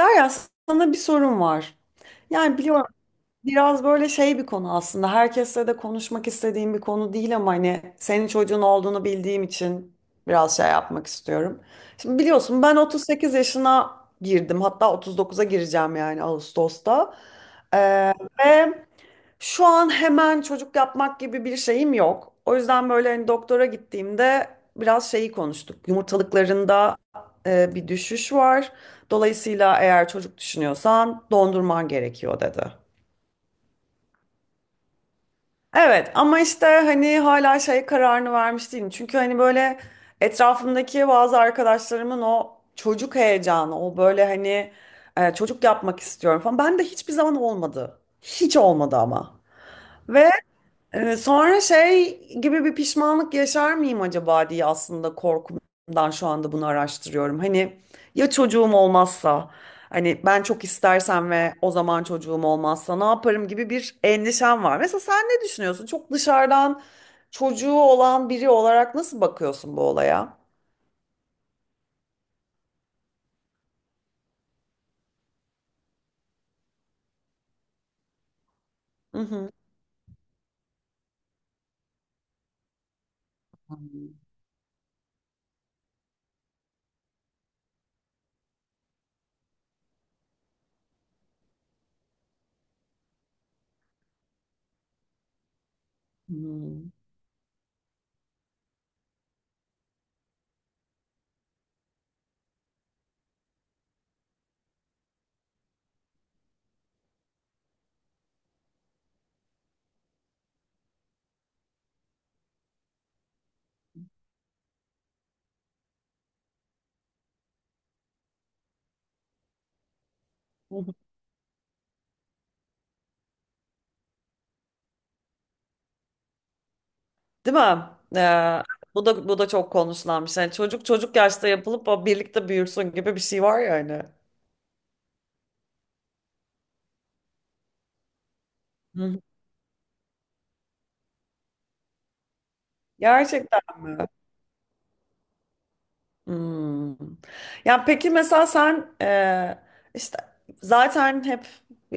Derya, sana bir sorum var. Yani biliyorum biraz böyle şey bir konu aslında. Herkesle de konuşmak istediğim bir konu değil ama hani senin çocuğun olduğunu bildiğim için biraz şey yapmak istiyorum. Şimdi biliyorsun ben 38 yaşına girdim. Hatta 39'a gireceğim yani Ağustos'ta. Ee, ve şu an hemen çocuk yapmak gibi bir şeyim yok. O yüzden böyle hani doktora gittiğimde biraz şeyi konuştuk. Yumurtalıklarında bir düşüş var. Dolayısıyla eğer çocuk düşünüyorsan dondurman gerekiyor dedi. Evet ama işte hani hala şey kararını vermiş değilim. Çünkü hani böyle etrafımdaki bazı arkadaşlarımın o çocuk heyecanı, o böyle hani çocuk yapmak istiyorum falan. Ben de hiçbir zaman olmadı. Hiç olmadı ama. Ve sonra şey gibi bir pişmanlık yaşar mıyım acaba diye aslında korkumdan şu anda bunu araştırıyorum. Hani ya çocuğum olmazsa, hani ben çok istersem ve o zaman çocuğum olmazsa ne yaparım gibi bir endişem var. Mesela sen ne düşünüyorsun? Çok dışarıdan çocuğu olan biri olarak nasıl bakıyorsun bu olaya? Hı hı. Hmm. Hı. Değil mi? Ee, bu da çok konuşulan bir şey. Yani çocuk yaşta yapılıp o birlikte büyürsün gibi bir şey var ya hani. Gerçekten mi? Hmm. Yani peki mesela sen işte zaten hep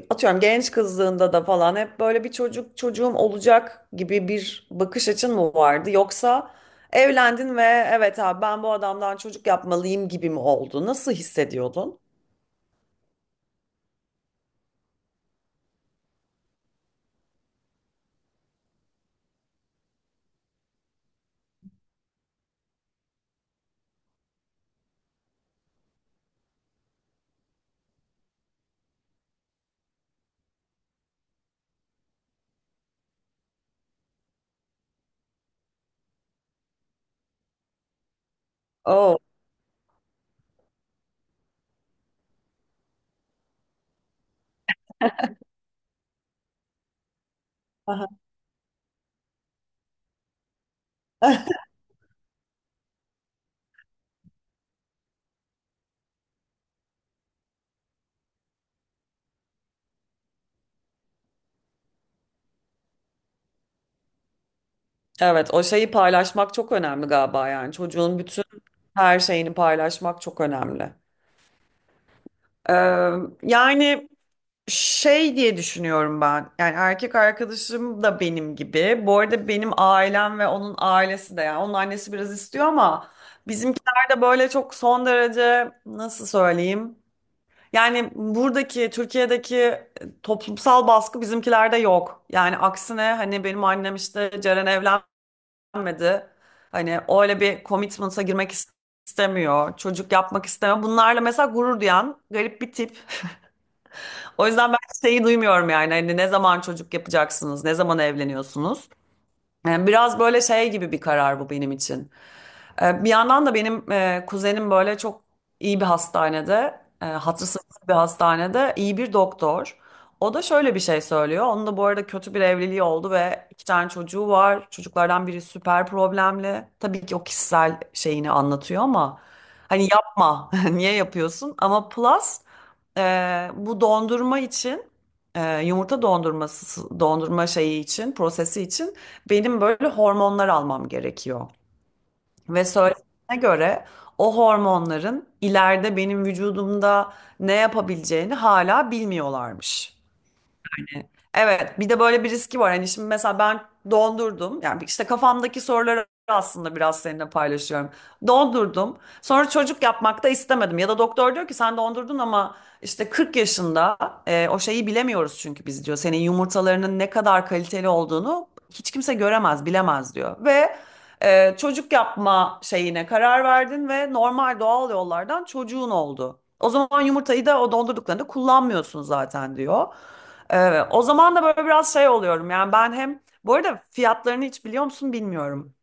atıyorum genç kızlığında da falan hep böyle bir çocuğum olacak gibi bir bakış açın mı vardı? Yoksa evlendin ve evet abi ben bu adamdan çocuk yapmalıyım gibi mi oldu? Nasıl hissediyordun? Oo. Aha. Evet, o şeyi paylaşmak çok önemli galiba yani çocuğun bütün her şeyini paylaşmak çok önemli. Ee, yani. Şey diye düşünüyorum ben. Yani erkek arkadaşım da benim gibi. Bu arada benim ailem ve onun ailesi de yani onun annesi biraz istiyor ama bizimkiler de böyle çok son derece nasıl söyleyeyim? Yani buradaki Türkiye'deki toplumsal baskı bizimkilerde yok. Yani aksine hani benim annem işte Ceren evlenmedi, hani öyle bir commitment'a girmek istemiyor, çocuk yapmak istemiyor. Bunlarla mesela gurur duyan garip bir tip. O yüzden ben şeyi duymuyorum yani hani ne zaman çocuk yapacaksınız, ne zaman evleniyorsunuz? Yani biraz böyle şey gibi bir karar bu benim için. Bir yandan da benim kuzenim böyle çok iyi bir hastanede, hatırı sızlı bir hastanede iyi bir doktor. O da şöyle bir şey söylüyor. Onun da bu arada kötü bir evliliği oldu ve iki tane çocuğu var. Çocuklardan biri süper problemli. Tabii ki o kişisel şeyini anlatıyor ama hani yapma, niye yapıyorsun? Ama plus bu dondurma için yumurta dondurması dondurma şeyi için prosesi için benim böyle hormonlar almam gerekiyor. Ve söylediğine göre o hormonların ileride benim vücudumda ne yapabileceğini hala bilmiyorlarmış. Evet, bir de böyle bir riski var. Hani şimdi mesela ben dondurdum. Yani işte kafamdaki soruları aslında biraz seninle paylaşıyorum. Dondurdum. Sonra çocuk yapmak da istemedim. Ya da doktor diyor ki sen dondurdun ama işte 40 yaşında o şeyi bilemiyoruz çünkü biz diyor. Senin yumurtalarının ne kadar kaliteli olduğunu hiç kimse göremez, bilemez diyor. Ve çocuk yapma şeyine karar verdin ve normal doğal yollardan çocuğun oldu. O zaman yumurtayı da o dondurduklarında kullanmıyorsun zaten diyor. O zaman da böyle biraz şey oluyorum. Yani ben hem bu arada fiyatlarını hiç biliyor musun bilmiyorum.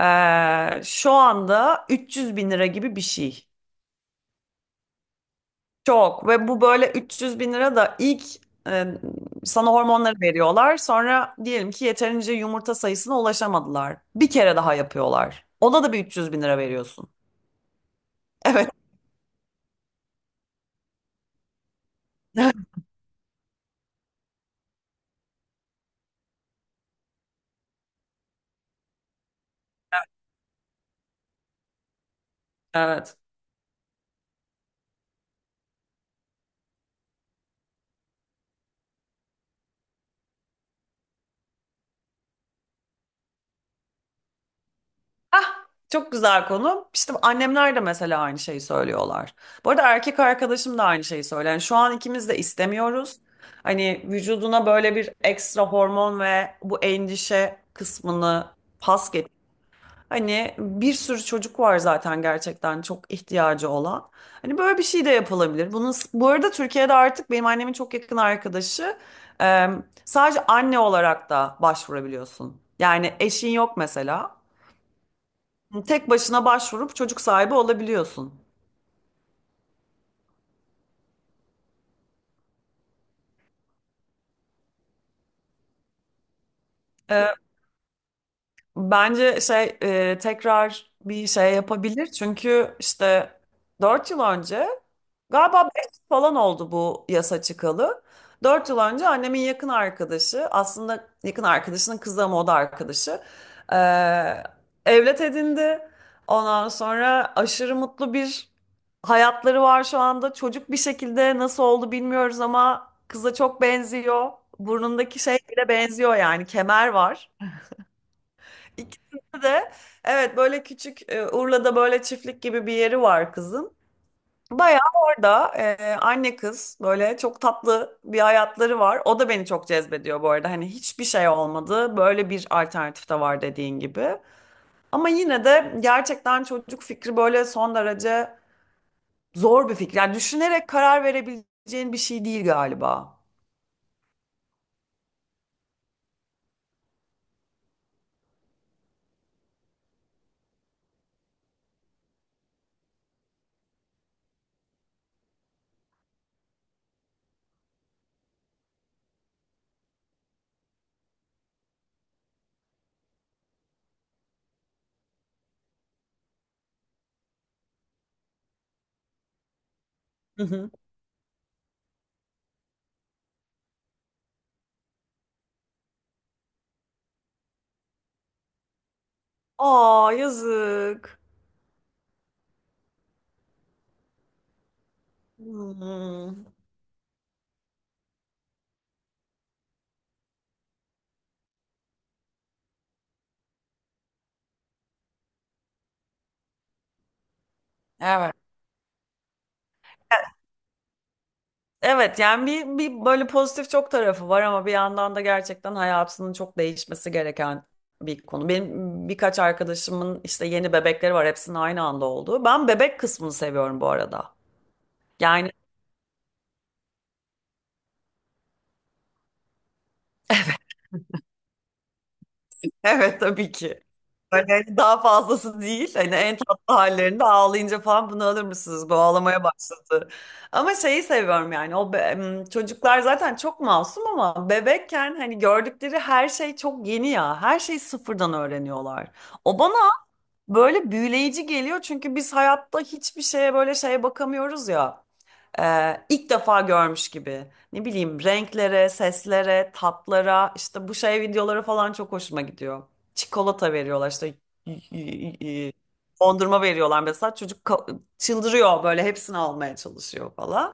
Şu anda 300 bin lira gibi bir şey. Çok, ve bu böyle 300 bin lira da ilk e, sana hormonları veriyorlar. Sonra diyelim ki yeterince yumurta sayısına ulaşamadılar, bir kere daha yapıyorlar. Ona da bir 300 bin lira veriyorsun. Evet. Evet. Ah, çok güzel konu. İşte annemler de mesela aynı şeyi söylüyorlar. Bu arada erkek arkadaşım da aynı şeyi söylüyor. Yani şu an ikimiz de istemiyoruz. Hani vücuduna böyle bir ekstra hormon ve bu endişe kısmını pas geç. Hani bir sürü çocuk var zaten gerçekten çok ihtiyacı olan. Hani böyle bir şey de yapılabilir. Bunun, bu arada Türkiye'de artık benim annemin çok yakın arkadaşı, sadece anne olarak da başvurabiliyorsun. Yani eşin yok mesela, tek başına başvurup çocuk sahibi olabiliyorsun. Ee, Bence şey tekrar bir şey yapabilir. Çünkü işte 4 yıl önce, galiba 5 falan oldu bu yasa çıkalı. 4 yıl önce annemin yakın arkadaşı, aslında yakın arkadaşının kızı ama o da arkadaşı, eee, evlat edindi. Ondan sonra aşırı mutlu bir hayatları var şu anda. Çocuk bir şekilde nasıl oldu bilmiyoruz ama kıza çok benziyor. Burnundaki şey bile benziyor, yani kemer var İkisinde de. Evet, böyle küçük Urla'da böyle çiftlik gibi bir yeri var kızın. Bayağı orada anne kız böyle çok tatlı bir hayatları var. O da beni çok cezbediyor bu arada. Hani hiçbir şey olmadı, böyle bir alternatif de var dediğin gibi. Ama yine de gerçekten çocuk fikri böyle son derece zor bir fikir. Yani düşünerek karar verebileceğin bir şey değil galiba. Hı hı. Aa, yazık. Hmm. Evet. Evet yani bir böyle pozitif çok tarafı var ama bir yandan da gerçekten hayatının çok değişmesi gereken bir konu. Benim birkaç arkadaşımın işte yeni bebekleri var, hepsinin aynı anda olduğu. Ben bebek kısmını seviyorum bu arada. Yani evet tabii ki. Böyle hani daha fazlası değil. Hani en tatlı hallerinde, ağlayınca falan bunu alır mısınız, bu ağlamaya başladı. Ama şeyi seviyorum yani. Çocuklar zaten çok masum ama bebekken hani gördükleri her şey çok yeni ya. Her şeyi sıfırdan öğreniyorlar. O bana böyle büyüleyici geliyor çünkü biz hayatta hiçbir şeye böyle şeye bakamıyoruz ya, ilk defa görmüş gibi. Ne bileyim, renklere, seslere, tatlara, işte bu şey videoları falan çok hoşuma gidiyor. Çikolata veriyorlar işte, y- y- y- dondurma veriyorlar mesela, çocuk çıldırıyor, böyle hepsini almaya çalışıyor falan.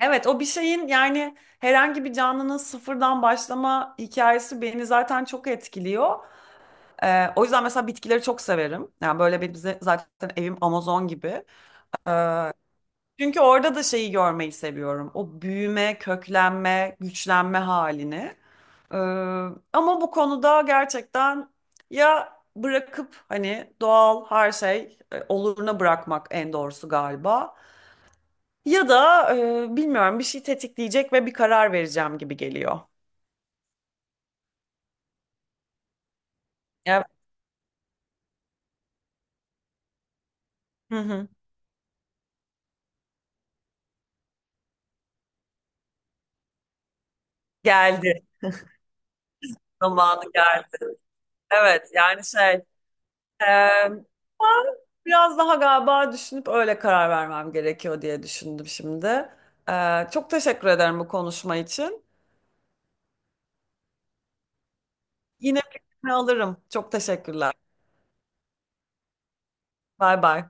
Evet, o bir şeyin yani herhangi bir canlının sıfırdan başlama hikayesi beni zaten çok etkiliyor. O yüzden mesela bitkileri çok severim. Yani böyle bir bize zaten evim Amazon gibi. Ee, çünkü orada da şeyi görmeyi seviyorum: o büyüme, köklenme, güçlenme halini. Ee, ama bu konuda gerçekten ya bırakıp hani doğal her şey oluruna bırakmak en doğrusu galiba. Ya da bilmiyorum, bir şey tetikleyecek ve bir karar vereceğim gibi geliyor. Evet. Hı hı. Geldi. Zamanı geldi. Evet yani şey, Ee, Biraz daha galiba düşünüp öyle karar vermem gerekiyor diye düşündüm şimdi. Çok teşekkür ederim bu konuşma için. Yine fikrini alırım. Çok teşekkürler. Bay bay.